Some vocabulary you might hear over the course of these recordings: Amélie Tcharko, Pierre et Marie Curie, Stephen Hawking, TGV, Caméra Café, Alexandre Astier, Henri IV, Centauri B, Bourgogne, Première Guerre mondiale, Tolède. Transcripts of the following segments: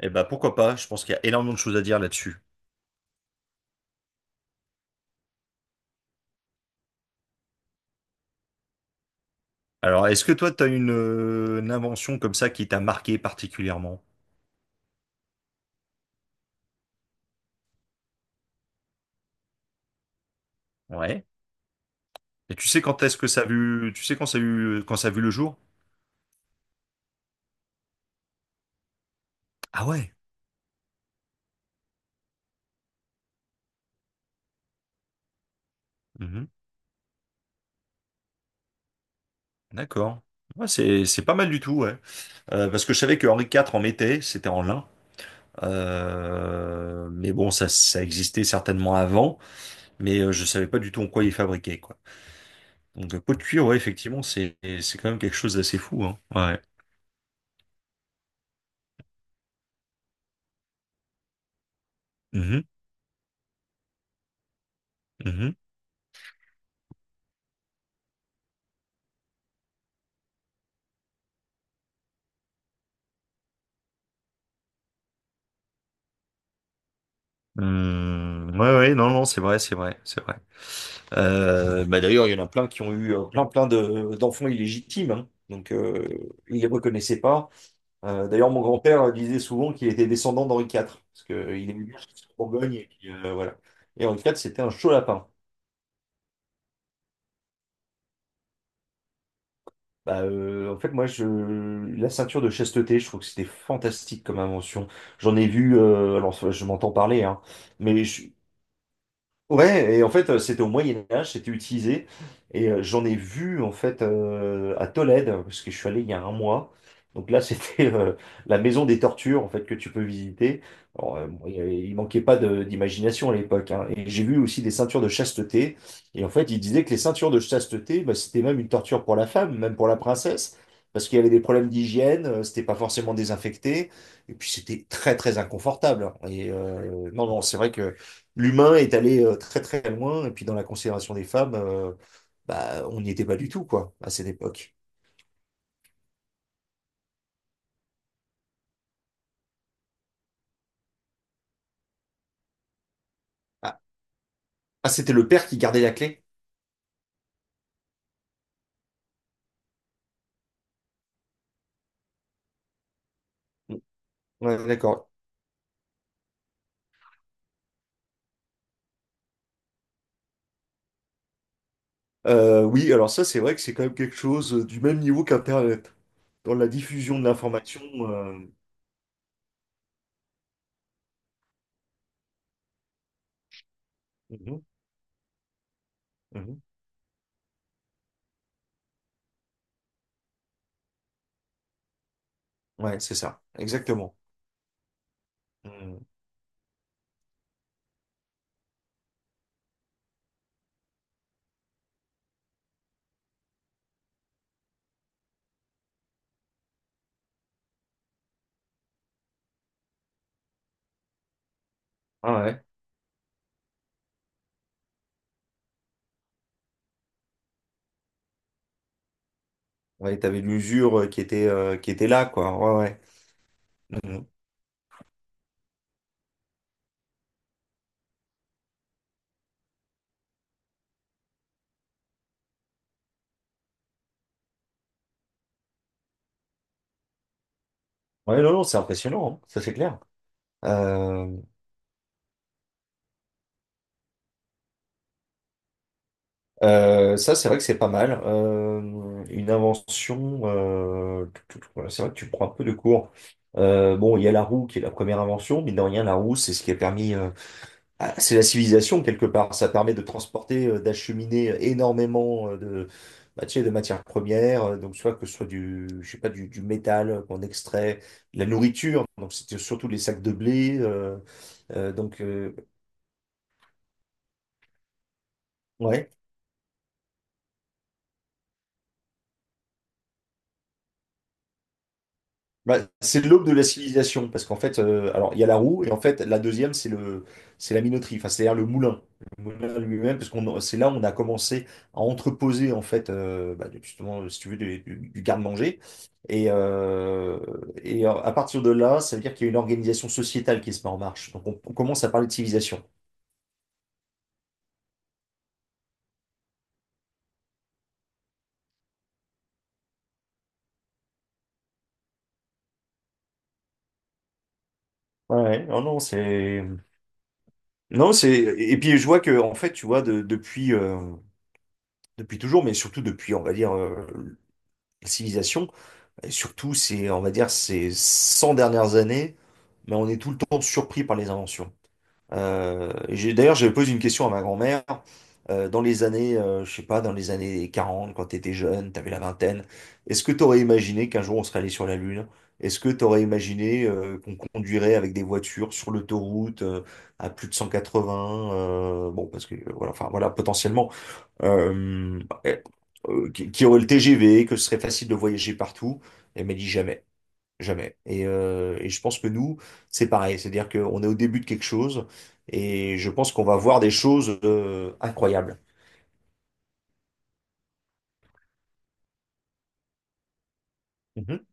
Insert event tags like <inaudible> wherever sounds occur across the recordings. Eh ben, pourquoi pas? Je pense qu'il y a énormément de choses à dire là-dessus. Alors, est-ce que toi, tu as une invention comme ça qui t'a marqué particulièrement? Ouais. Et tu sais quand est-ce que ça a vu, tu sais quand ça a vu, quand ça a vu le jour? Ah ouais. Mhm. D'accord. Ouais, c'est pas mal du tout, ouais. Parce que je savais que Henri IV en mettait, c'était en lin. Mais bon, ça existait certainement avant, mais je savais pas du tout en quoi il fabriquait, quoi. Donc, pot de cuir, ouais, effectivement, c'est quand même quelque chose d'assez fou, hein. Ouais. Mhm. Mhm. Hmm, ouais, ouais, non, non, c'est vrai, c'est vrai, c'est vrai. Bah d'ailleurs, il y en a plein qui ont eu plein, plein de, d'enfants illégitimes, hein. Donc ils les reconnaissaient pas. D'ailleurs, mon grand-père disait souvent qu'il était descendant d'Henri IV, parce qu'il aimait bien chercher en Bourgogne, et puis, voilà. Et Henri IV, c'était un chaud lapin. Bah, en fait, moi, je... La ceinture de chasteté, je trouve que c'était fantastique comme invention. J'en ai vu, alors je m'entends parler, hein, mais je- Ouais, et en fait, c'était au Moyen Âge, c'était utilisé, et j'en ai vu en fait à Tolède, parce que je suis allé il y a un mois. Donc là, <laughs> c'était la maison des tortures en fait que tu peux visiter. Alors, bon, il manquait pas d'imagination à l'époque, hein. Et j'ai vu aussi des ceintures de chasteté. Et en fait, ils disaient que les ceintures de chasteté, bah, c'était même une torture pour la femme, même pour la princesse, parce qu'il y avait des problèmes d'hygiène, c'était pas forcément désinfecté, et puis c'était très très inconfortable, hein. Et non, non, c'est vrai que l'humain est allé très très loin, et puis dans la considération des femmes, bah, on n'y était pas du tout, quoi, à cette époque. Ah, ah, c'était le père qui gardait la clé? Ouais, d'accord. Oui, alors ça, c'est vrai que c'est quand même quelque chose du même niveau qu'Internet, dans la diffusion de l'information. euh, mhm. Mhm. Ouais, c'est ça, exactement. Mhm. Ah ouais, ouais, t'avais l'usure qui était là, quoi. Ouais, ouais. Mhm. Ouais, non, non, c'est impressionnant, hein, ça c'est clair. Euh, Ça, c'est vrai que c'est pas mal. Une invention, voilà, c'est vrai que tu prends un peu de cours. Bon, il y a la roue qui est la première invention, mais de rien, la roue, c'est ce qui a permis, ah, c'est la civilisation quelque part. Ça permet de transporter, d'acheminer énormément de, bah, tu sais, de matières premières, donc soit que ce soit du, je sais pas, du métal qu'on extrait, de la nourriture, donc c'était surtout les sacs de blé. Donc, ouais. Bah, c'est l'aube de la civilisation, parce qu'en fait, alors il y a la roue, et en fait, la deuxième, c'est la minoterie, enfin, c'est-à-dire le moulin lui-même, parce qu'on, c'est là où on a commencé à entreposer, en fait, bah, justement, si tu veux, du garde-manger. Et, à partir de là, ça veut dire qu'il y a une organisation sociétale qui se met en marche. Donc, on commence à parler de civilisation. Ouais, ouais. Non, non, c'est. Non, c'est. Et puis, je vois que, en fait, tu vois, depuis, depuis toujours, mais surtout depuis, on va dire, la civilisation, et surtout, c'est, on va dire, ces 100 dernières années, mais on est tout le temps surpris par les inventions. Et d'ailleurs, j'avais posé une question à ma grand-mère. Dans les années, je sais pas, dans les années 40, quand tu étais jeune, tu avais la vingtaine, est-ce que tu aurais imaginé qu'un jour on serait allé sur la Lune? Est-ce que tu aurais imaginé qu'on conduirait avec des voitures sur l'autoroute à plus de 180? Bon, parce que, voilà, enfin, voilà, potentiellement bah, eh, qui aurait le TGV, que ce serait facile de voyager partout. Elle m'a dit jamais, jamais. Et, je pense que nous, c'est pareil. C'est-à-dire qu'on est au début de quelque chose et je pense qu'on va voir des choses incroyables. Mhm,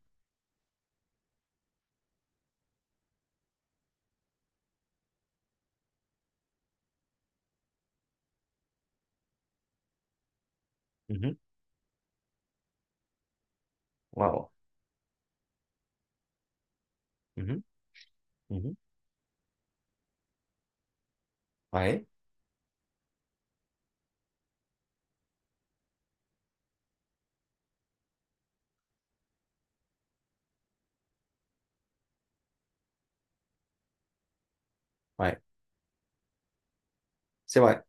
mhm, waouh, mhm, mhm. Ouais, ouais, c'est vrai.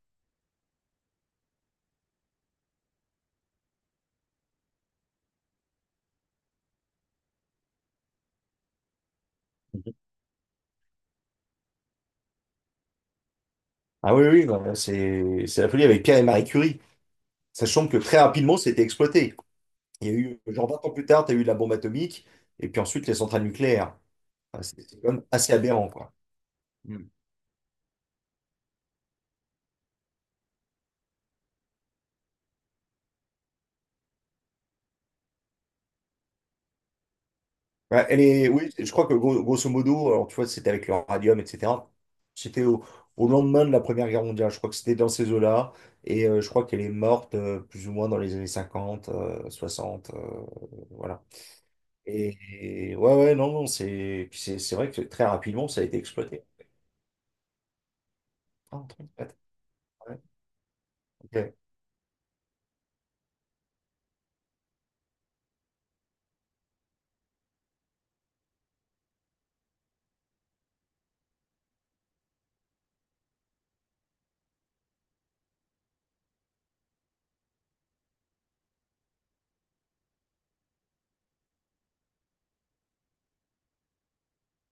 Mhm. Ah oui, oui, non, mais c'est la folie avec Pierre et Marie Curie. Sachant que très rapidement, c'était exploité. Il y a eu, genre 20 ans plus tard, tu as eu la bombe atomique et puis ensuite les centrales nucléaires. Enfin, c'est quand même assez aberrant, quoi. Mm. Ouais, oui, je crois que grosso modo, alors tu vois, c'était avec le radium, etc. C'était au lendemain de la Première Guerre mondiale. Je crois que c'était dans ces eaux-là. Et je crois qu'elle est morte plus ou moins dans les années 50, 60. Voilà. Et, ouais, ouais, non, non, c'est puis c'est vrai que très rapidement, ça a été exploité. Ah, en fait, ouais, ok.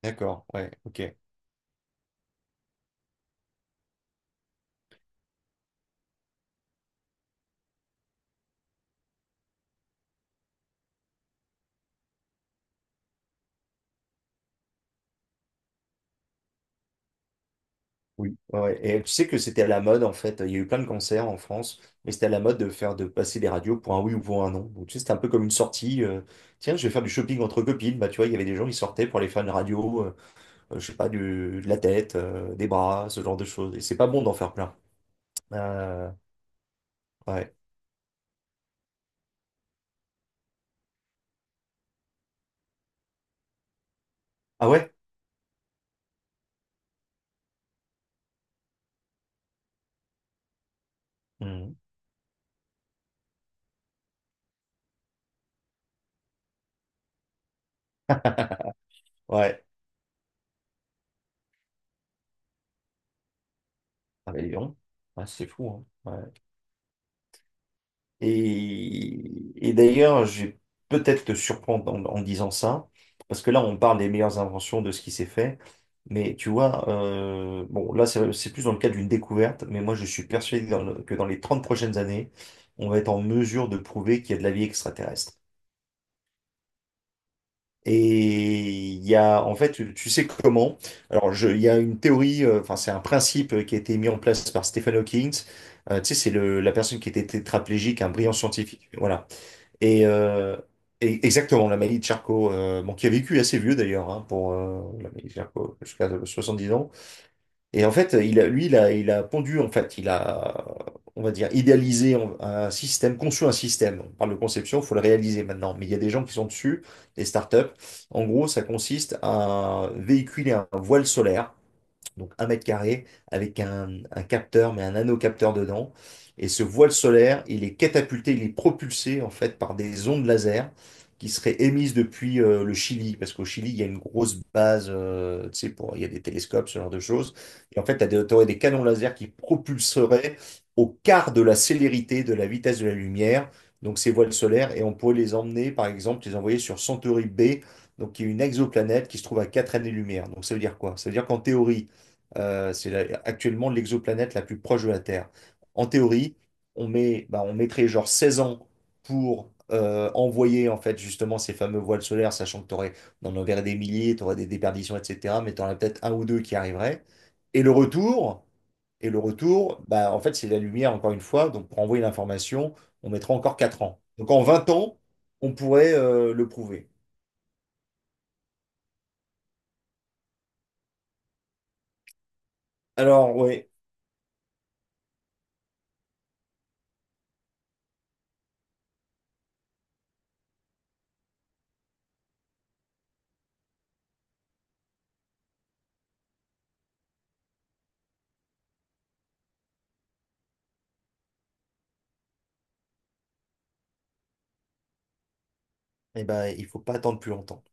D'accord, ouais, ok. Oui, ouais. Ouais. Et tu sais que c'était à la mode en fait. Il y a eu plein de concerts en France, mais c'était à la mode de passer des radios pour un oui ou pour un non. Donc tu sais, c'était un peu comme une sortie. Tiens, je vais faire du shopping entre copines. Bah tu vois, il y avait des gens qui sortaient pour aller faire une radio, je sais pas, de la tête, des bras, ce genre de choses. Et c'est pas bon d'en faire plein. Euh, ouais. Ah ouais? Mhm. Ouais. Ah bah, dis donc. Ouais, c'est fou, hein. D'ailleurs, je vais peut-être te surprendre en disant ça, parce que là, on parle des meilleures inventions de ce qui s'est fait. Mais tu vois, bon, là, c'est plus dans le cadre d'une découverte, mais moi, je suis persuadé que que dans les 30 prochaines années, on va être en mesure de prouver qu'il y a de la vie extraterrestre. Et il y a, en fait, tu sais comment? Alors, il y a une théorie, enfin, c'est un principe qui a été mis en place par Stephen Hawking. Tu sais, la personne qui était tétraplégique, un brillant scientifique. Voilà. Et, exactement, l'Amélie Tcharko, bon, qui a vécu assez vieux d'ailleurs, hein, pour l'Amélie Tcharko, jusqu'à 70 ans. Et en fait, il a pondu, en fait, on va dire, idéalisé un système, conçu un système. On parle de conception, il faut le réaliser maintenant. Mais il y a des gens qui sont dessus, des startups. En gros, ça consiste à véhiculer un voile solaire donc un mètre carré, avec un capteur, mais un nanocapteur dedans. Et ce voile solaire, il est catapulté, il est propulsé en fait par des ondes laser qui seraient émises depuis le Chili, parce qu'au Chili, il y a une grosse base, tu sais, il y a des télescopes, ce genre de choses. Et en fait, tu aurais des canons laser qui propulseraient au quart de la célérité de la vitesse de la lumière, donc ces voiles solaires, et on pourrait les emmener, par exemple, les envoyer sur Centauri B, donc qui est une exoplanète qui se trouve à 4 années-lumière. Donc ça veut dire quoi? Ça veut dire qu'en théorie, c'est actuellement l'exoplanète la plus proche de la Terre. En théorie, on mettrait genre 16 ans pour envoyer en fait justement ces fameux voiles solaires, sachant que on en enverrait des milliers, t'aurais des déperditions, etc. Mais t'en as peut-être un ou deux qui arriveraient. Et le retour, et le retour, bah, en fait, c'est la lumière encore une fois. Donc pour envoyer l'information, on mettra encore 4 ans. Donc en 20 ans, on pourrait le prouver. Alors ouais, eh ben, il faut pas attendre plus longtemps.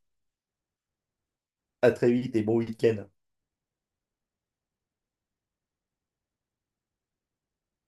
À très vite et bon week-end.